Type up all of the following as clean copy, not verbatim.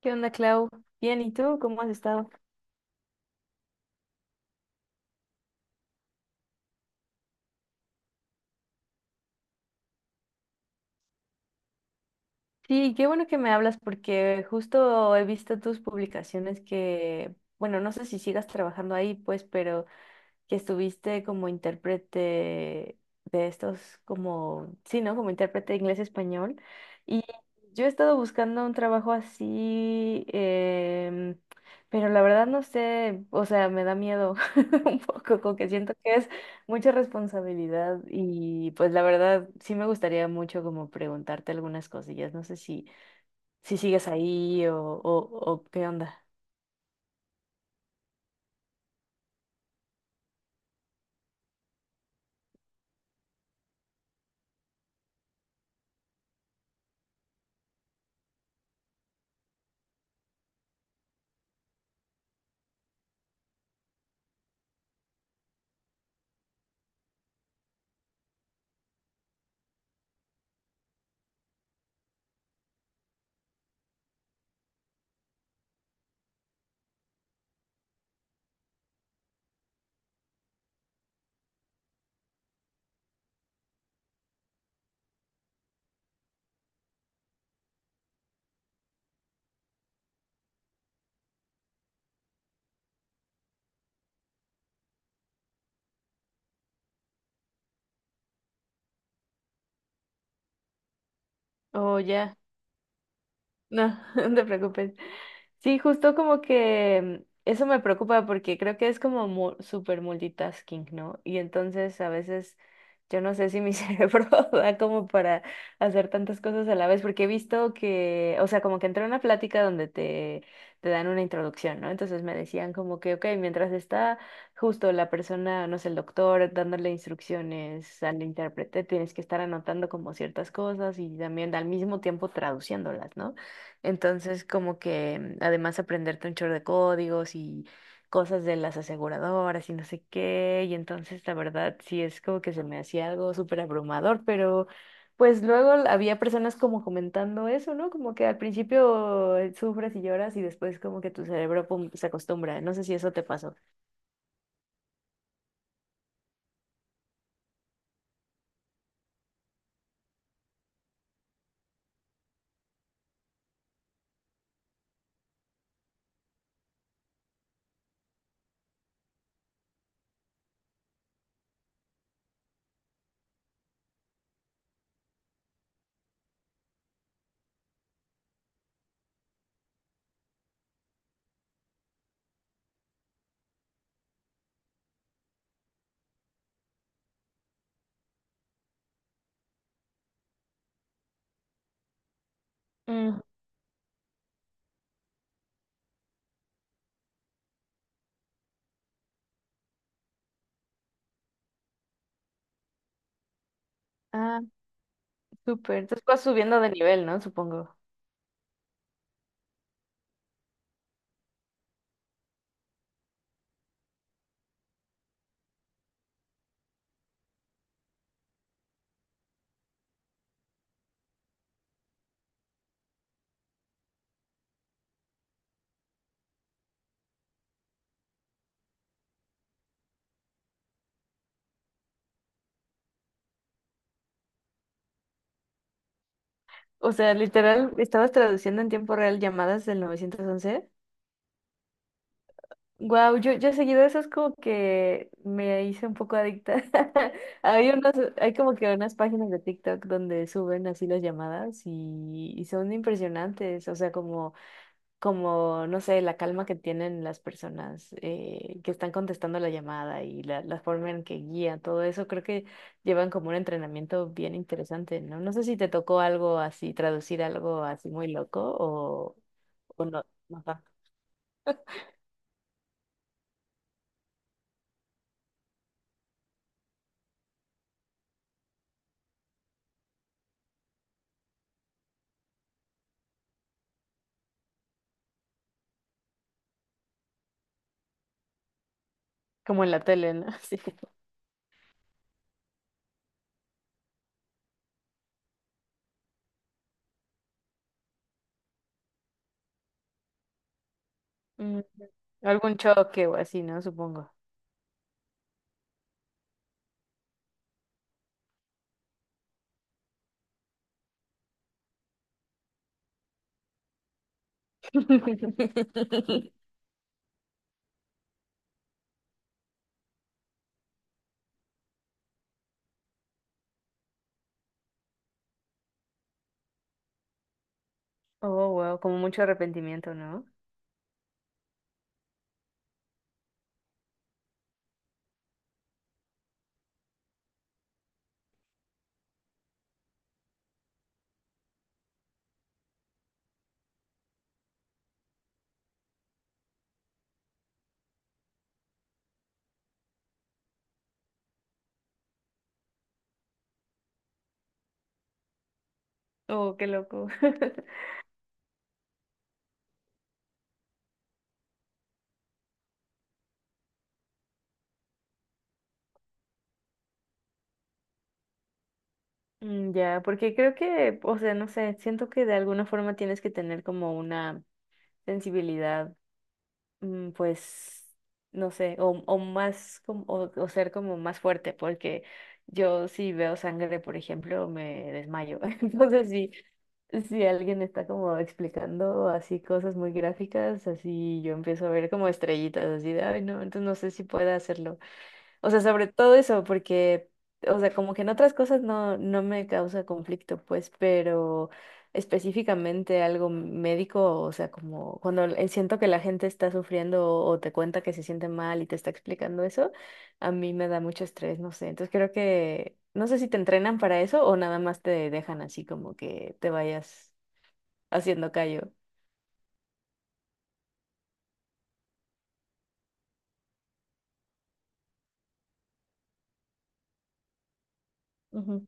¿Qué onda, Clau? Bien, ¿y tú cómo has estado? Sí, qué bueno que me hablas porque justo he visto tus publicaciones que, bueno, no sé si sigas trabajando ahí, pues, pero que estuviste como intérprete de estos, como, sí, ¿no? Como intérprete de inglés-español. Y yo he estado buscando un trabajo así, pero la verdad no sé, o sea, me da miedo un poco, como que siento que es mucha responsabilidad y pues la verdad sí me gustaría mucho como preguntarte algunas cosillas, no sé si sigues ahí o qué onda. O ya. No, no te preocupes. Sí, justo como que eso me preocupa porque creo que es como súper multitasking, ¿no? Y entonces a veces yo no sé si mi cerebro da como para hacer tantas cosas a la vez, porque he visto que, o sea, como que entré a una plática donde te dan una introducción, ¿no? Entonces me decían como que, ok, mientras está justo la persona, no sé, el doctor dándole instrucciones al intérprete, tienes que estar anotando como ciertas cosas y también al mismo tiempo traduciéndolas, ¿no? Entonces, como que además aprenderte un chorro de códigos y cosas de las aseguradoras y no sé qué, y entonces la verdad sí es como que se me hacía algo súper abrumador, pero pues luego había personas como comentando eso, ¿no? Como que al principio sufres y lloras y después como que tu cerebro pum, se acostumbra, no sé si eso te pasó. Mm, ah, súper. Entonces vas subiendo de nivel, ¿no? Supongo. O sea, literal, estabas traduciendo en tiempo real llamadas del 911. Wow, yo seguido eso es como que me hice un poco adicta. Hay unos, hay como que unas páginas de TikTok donde suben así las llamadas y son impresionantes. O sea, como, como, no sé, la calma que tienen las personas que están contestando la llamada y la forma en que guían todo eso, creo que llevan como un entrenamiento bien interesante, ¿no? No sé si te tocó algo así, traducir algo así muy loco o no, ajá, como en la tele, ¿no? Sí. Mm, algún choque o así, ¿no? Supongo. Oh, wow, como mucho arrepentimiento, ¿no? Oh, qué loco. Mm, ya, porque creo que, o sea, no sé, siento que de alguna forma tienes que tener como una sensibilidad, pues, no sé, o más, o ser como más fuerte, porque yo si veo sangre, por ejemplo, me desmayo. Entonces sí, si alguien está como explicando así cosas muy gráficas, así yo empiezo a ver como estrellitas, así de, ay, no, entonces no sé si pueda hacerlo. O sea, sobre todo eso, porque, o sea, como que en otras cosas no, no me causa conflicto, pues, pero específicamente algo médico, o sea, como cuando siento que la gente está sufriendo o te cuenta que se siente mal y te está explicando eso, a mí me da mucho estrés, no sé. Entonces creo que, no sé si te entrenan para eso o nada más te dejan así como que te vayas haciendo callo. Ujú,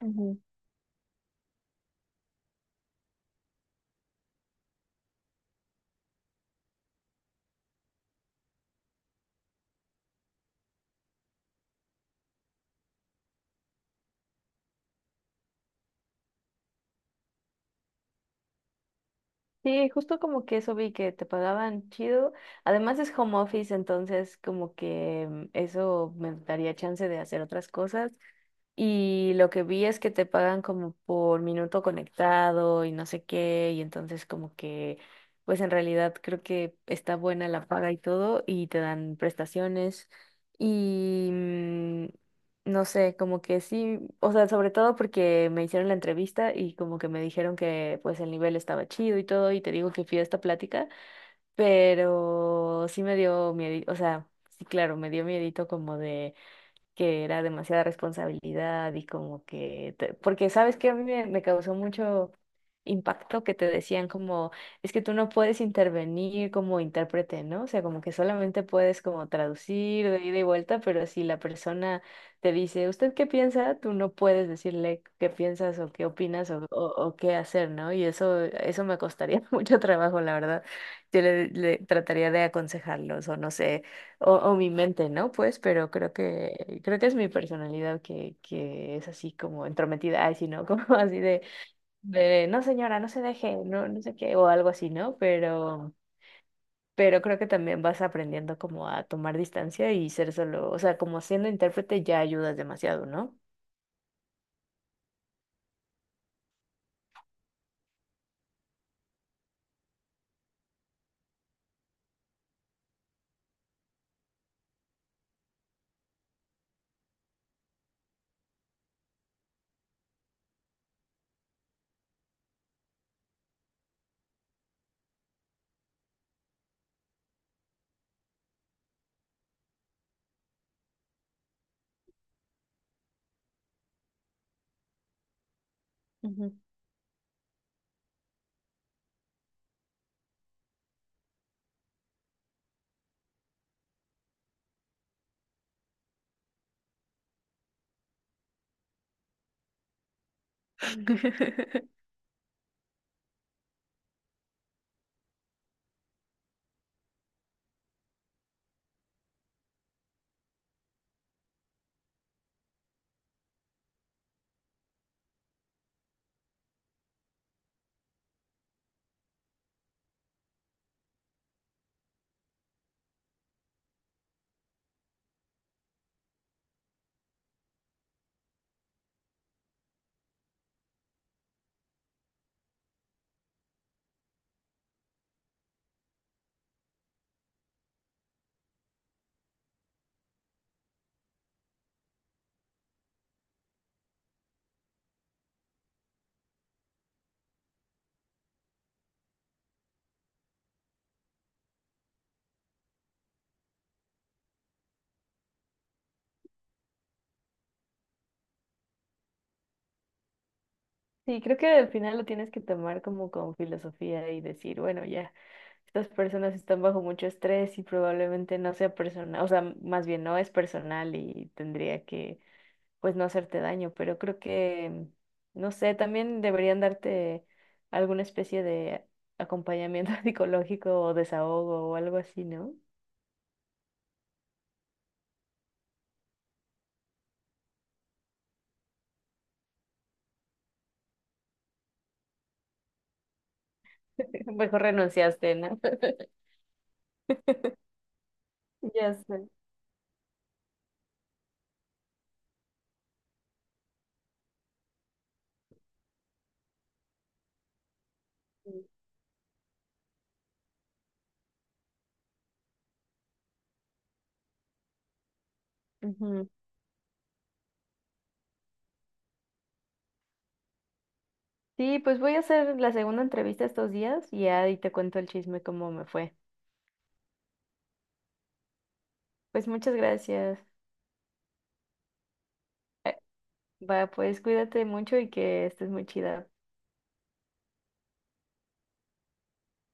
ujú. Sí, justo como que eso vi que te pagaban chido. Además es home office, entonces como que eso me daría chance de hacer otras cosas. Y lo que vi es que te pagan como por minuto conectado y no sé qué, y entonces como que, pues en realidad creo que está buena la paga y todo, y te dan prestaciones y no sé, como que sí, o sea, sobre todo porque me hicieron la entrevista y como que me dijeron que pues el nivel estaba chido y todo, y te digo que fui a esta plática, pero sí me dio miedo, o sea, sí, claro, me dio miedito como de que era demasiada responsabilidad y como que, porque sabes que a mí me causó mucho impacto que te decían como, es que tú no puedes intervenir como intérprete, ¿no? O sea, como que solamente puedes como traducir de ida y vuelta, pero si la persona te dice, ¿usted qué piensa? Tú no puedes decirle qué piensas o qué opinas o qué hacer, ¿no? Y eso me costaría mucho trabajo, la verdad. Yo le trataría de aconsejarlos o no sé o mi mente, ¿no? Pues, pero creo que es mi personalidad que es así como entrometida, ay, sí, ¿no? Como así de, no señora, no se deje, no, no sé qué, o algo así, ¿no? Pero, creo que también vas aprendiendo como a tomar distancia y ser solo, o sea, como siendo intérprete ya ayudas demasiado, ¿no? Ujú. Sí, creo que al final lo tienes que tomar como con filosofía y decir, bueno, ya, estas personas están bajo mucho estrés y probablemente no sea personal, o sea, más bien no es personal y tendría que, pues, no hacerte daño, pero creo que, no sé, también deberían darte alguna especie de acompañamiento psicológico o desahogo o algo así, ¿no? Mejor renunciaste, ¿no? Ya sé. Sí, ujú. Sí, pues voy a hacer la segunda entrevista estos días y ahí te cuento el chisme cómo me fue. Pues muchas gracias. Eh, Va, pues cuídate mucho y que estés muy chida.